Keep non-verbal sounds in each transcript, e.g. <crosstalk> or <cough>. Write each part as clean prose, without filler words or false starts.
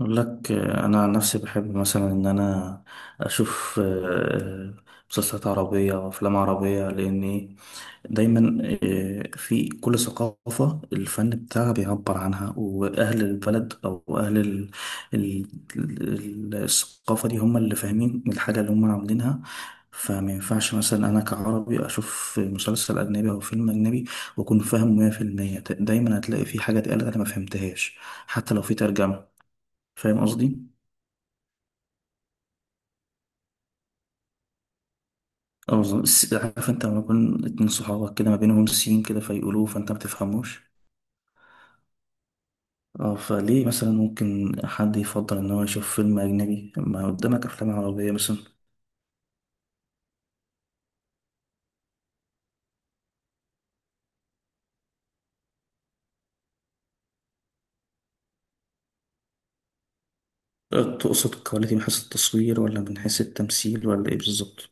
أقول لك أنا عن نفسي بحب مثلا إن أنا أشوف مسلسلات عربية وأفلام عربية لأن إيه، دايما في كل ثقافة الفن بتاعها بيعبر عنها وأهل البلد أو أهل ال- ال- ال- الثقافة دي هم اللي فاهمين الحاجة اللي هم عاملينها. فما ينفعش مثلا أنا كعربي أشوف مسلسل أجنبي أو فيلم أجنبي وأكون فاهم 100%، دايما هتلاقي في حاجة اتقالت أنا ما فهمتهاش حتى لو في ترجمة. فاهم قصدي؟ اه بالظبط. عارف انت لما يكون اتنين صحابك كده ما بينهم سين كده فيقولوه فانت ما تفهموش. اه فليه مثلا ممكن حد يفضل ان هو يشوف فيلم اجنبي، ما قدامك افلام عربية مثلا. اه، تقصد الكواليتي من حيث التصوير ولا من حيث التمثيل ولا ايه بالظبط؟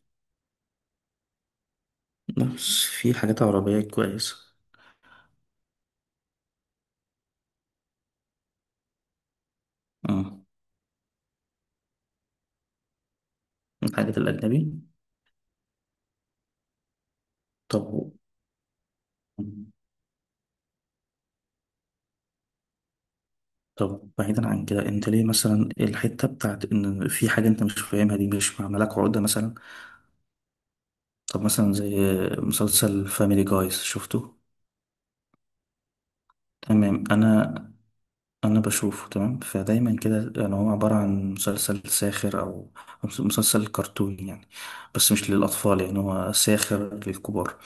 بس في حاجات عربية كويسة. اه، الحاجات الأجنبي. طب طب بعيدا عن كده، انت ليه مثلا الحتة بتاعت ان في حاجة انت مش فاهمها دي مش معملاك عقدة مثلا؟ طب مثلا زي مسلسل فاميلي جايز، شفته؟ تمام. انا بشوفه. تمام، فدايما كده يعني هو عبارة عن مسلسل ساخر او أو مسلسل كرتوني يعني، بس مش للاطفال، يعني هو ساخر للكبار.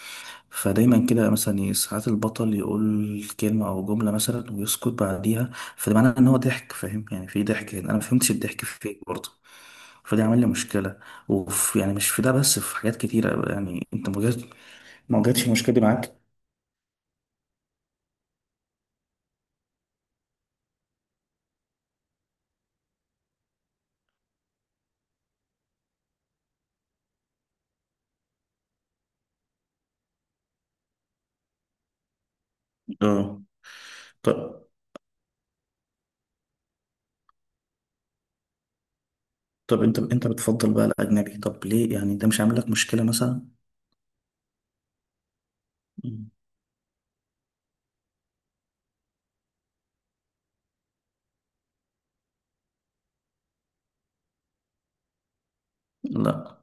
فدايما كده مثلا، ساعات البطل يقول كلمة او جملة مثلا ويسكت بعديها، فده معناه ان هو ضحك. فاهم يعني في ضحك هنا، انا ما فهمتش الضحك فين برضه. فده عمل لي مشكلة. وفي يعني مش في ده بس، في حاجات كتيرة يعني. انت ما واجهتش المشكلة دي معاك؟ اه. طب طب انت بتفضل بقى الاجنبي، طب ليه يعني ده مش عامل لك مشكله مثلا؟ مم. لا.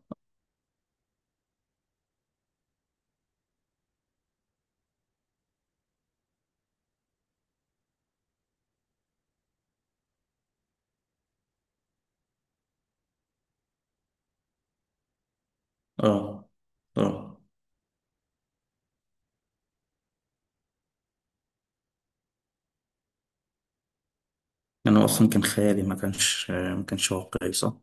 اه اه، انا اصلا كان خيالي، ما كانش واقعي صح.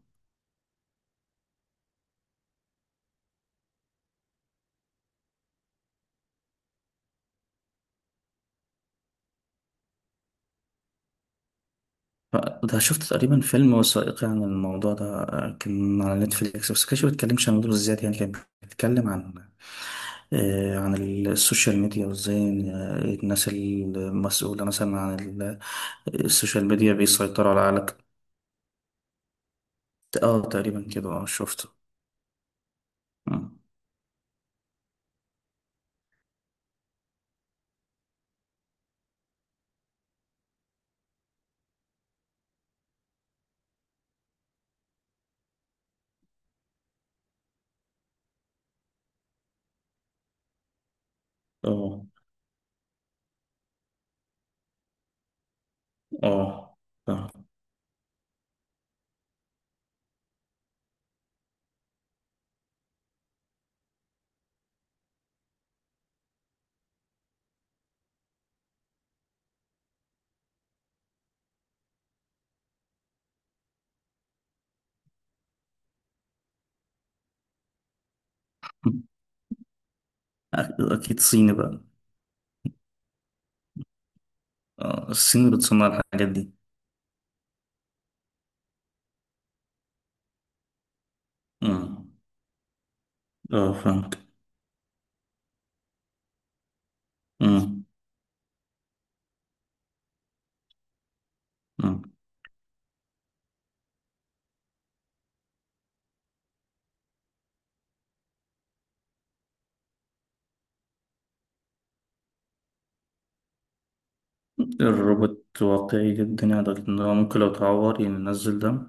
ف- ده شفت تقريبا فيلم وثائقي عن الموضوع ده، كان على نتفليكس بس كانش بيتكلمش عن الموضوع بالذات. يعني كان بيتكلم عن عن السوشيال ميديا وازاي الناس المسؤولة مثلا عن السوشيال ميديا بيسيطروا على عقلك. اه تقريبا كده، اه شفته. اه اه فاهم. اكيد صيني بقى. اه الصين بتصنع الحاجات دي. امم، اه فهمت. امم. أمم. الروبوت واقعي جدا يعني لدرجة إن هو ممكن لو تعور يعني ينزل دم.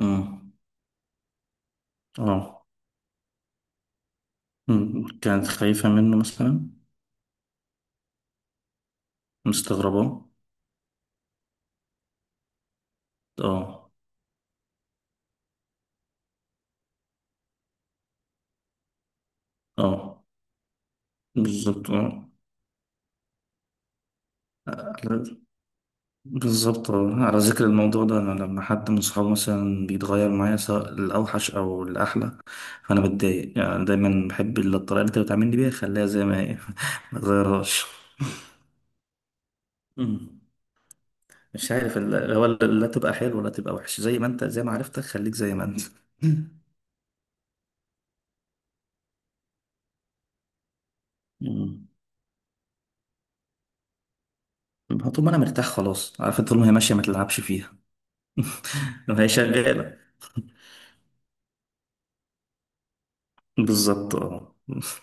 امم. اه. أمم. كانت خايفة منه مثلا؟ مستغربة. اه اه بالظبط. اه بالظبط. آه، على ذكر الموضوع ده، انا لما حد من صحابي مثلا بيتغير معايا، سواء الاوحش او الاحلى، فانا بتضايق. يعني أنا دايما بحب الطريقه اللي انت بتعاملني بيها، خليها زي ما هي <laughs> ما تغيرهاش. أمم. مش عارف لا تبقى حلو ولا تبقى وحش، زي ما انت، زي ما عرفتك خليك زي ما انت. <laughs> أمم. طول ما انا مرتاح خلاص، عارف، طول ما هي ماشيه ما تلعبش فيها. <laughs> لو هي شغاله. بالظبط اه. <laughs>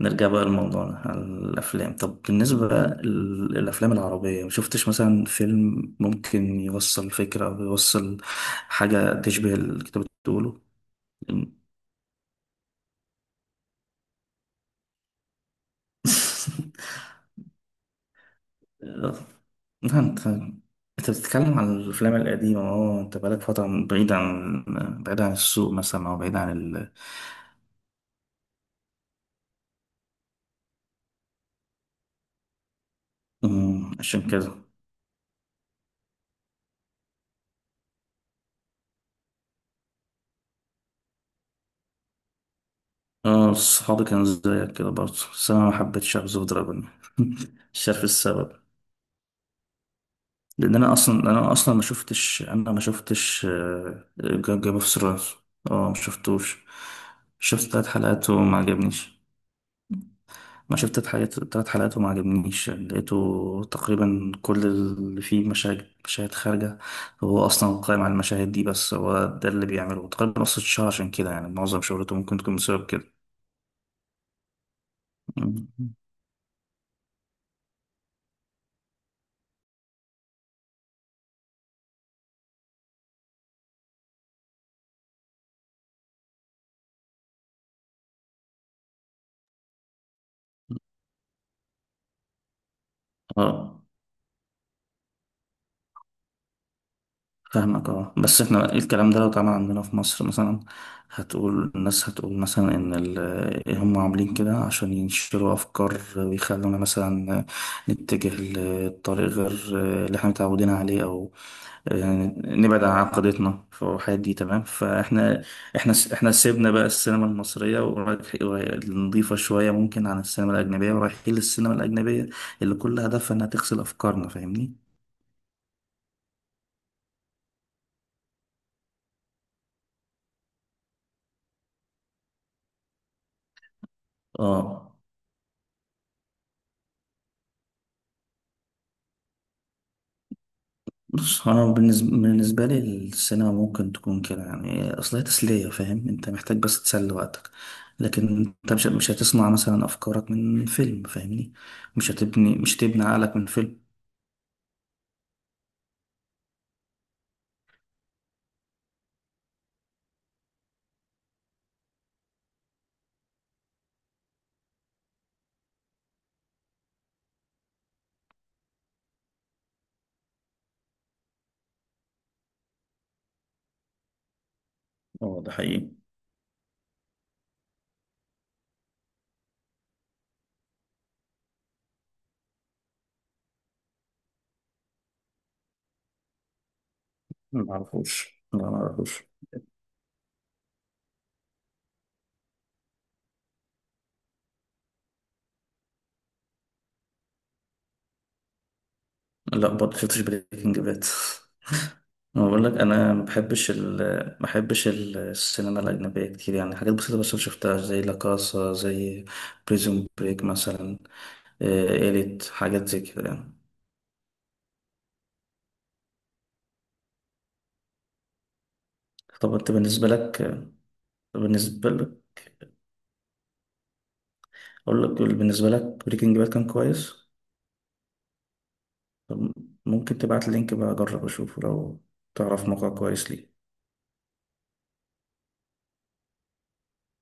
نرجع بقى لموضوعنا على الأفلام. طب بالنسبة للأفلام العربية، مشفتش مثلا فيلم ممكن يوصل فكرة أو يوصل حاجة تشبه اللي كنت بتقوله؟ <laughs> لا، أنت بتتكلم عن الأفلام القديمة. أه أنت بقالك فترة بعيد عن، بعيد عن السوق مثلا أو بعيد عن أمم، عشان كده اه صحابي كانوا زيك كده برضه، بس أنا ما حبيتش أعزف دراجون. <laughs> مش عارف السبب. لان انا اصلا، ما شفتش جيم اوف ثرونز. اه ما شفتوش. شفت ثلاث حلقات وما عجبنيش. ما شفت تلات حلقات تلات حلقات وما عجبنيش، يعني لقيته تقريبا كل اللي فيه مشاهد خارجة، هو أصلا قائم على المشاهد دي بس، هو ده اللي بيعمله تقريبا نص الشهر. عشان كده يعني معظم شهرته ممكن تكون بسبب كده. مم. اه فاهمك. اه بس احنا الكلام ده لو اتعمل عندنا في مصر مثلا، هتقول الناس، هتقول مثلا ان ال- إيه هم عاملين كده عشان ينشروا افكار ويخلونا مثلا نتجه لطريق غير اللي احنا متعودين عليه، او يعني نبعد عن عقيدتنا في الحاجات دي. تمام، فاحنا، احنا سيبنا بقى السينما المصرية نضيفة شوية ممكن عن السينما الأجنبية، ورايحين للسينما الأجنبية اللي كل هدفها انها تغسل افكارنا. فاهمني؟ اه. بص انا بالنسبه لي السينما ممكن تكون كده، يعني اصل هي تسليه، فاهم؟ انت محتاج بس تسلي وقتك، لكن انت مش هتصنع مثلا افكارك من فيلم، فاهمني؟ مش هتبني عقلك من فيلم. اه ده حقيقي. ما اعرفوش، لا ما اعرفوش. لا برضه شفتش بريكنج باد. ما بقول لك انا ما بحبش السينما الاجنبيه كتير، يعني حاجات بسيطه بس شفتها، زي لا كاسا، زي بريزون بريك مثلا، إيه، إيليت، حاجات زي كده يعني. طب انت بالنسبة لك، بالنسبة لك اقول لك بالنسبة لك بريكنج باد كان كويس؟ طب ممكن تبعت اللينك بقى اجرب اشوفه، لو تعرف موقع كويس ليه.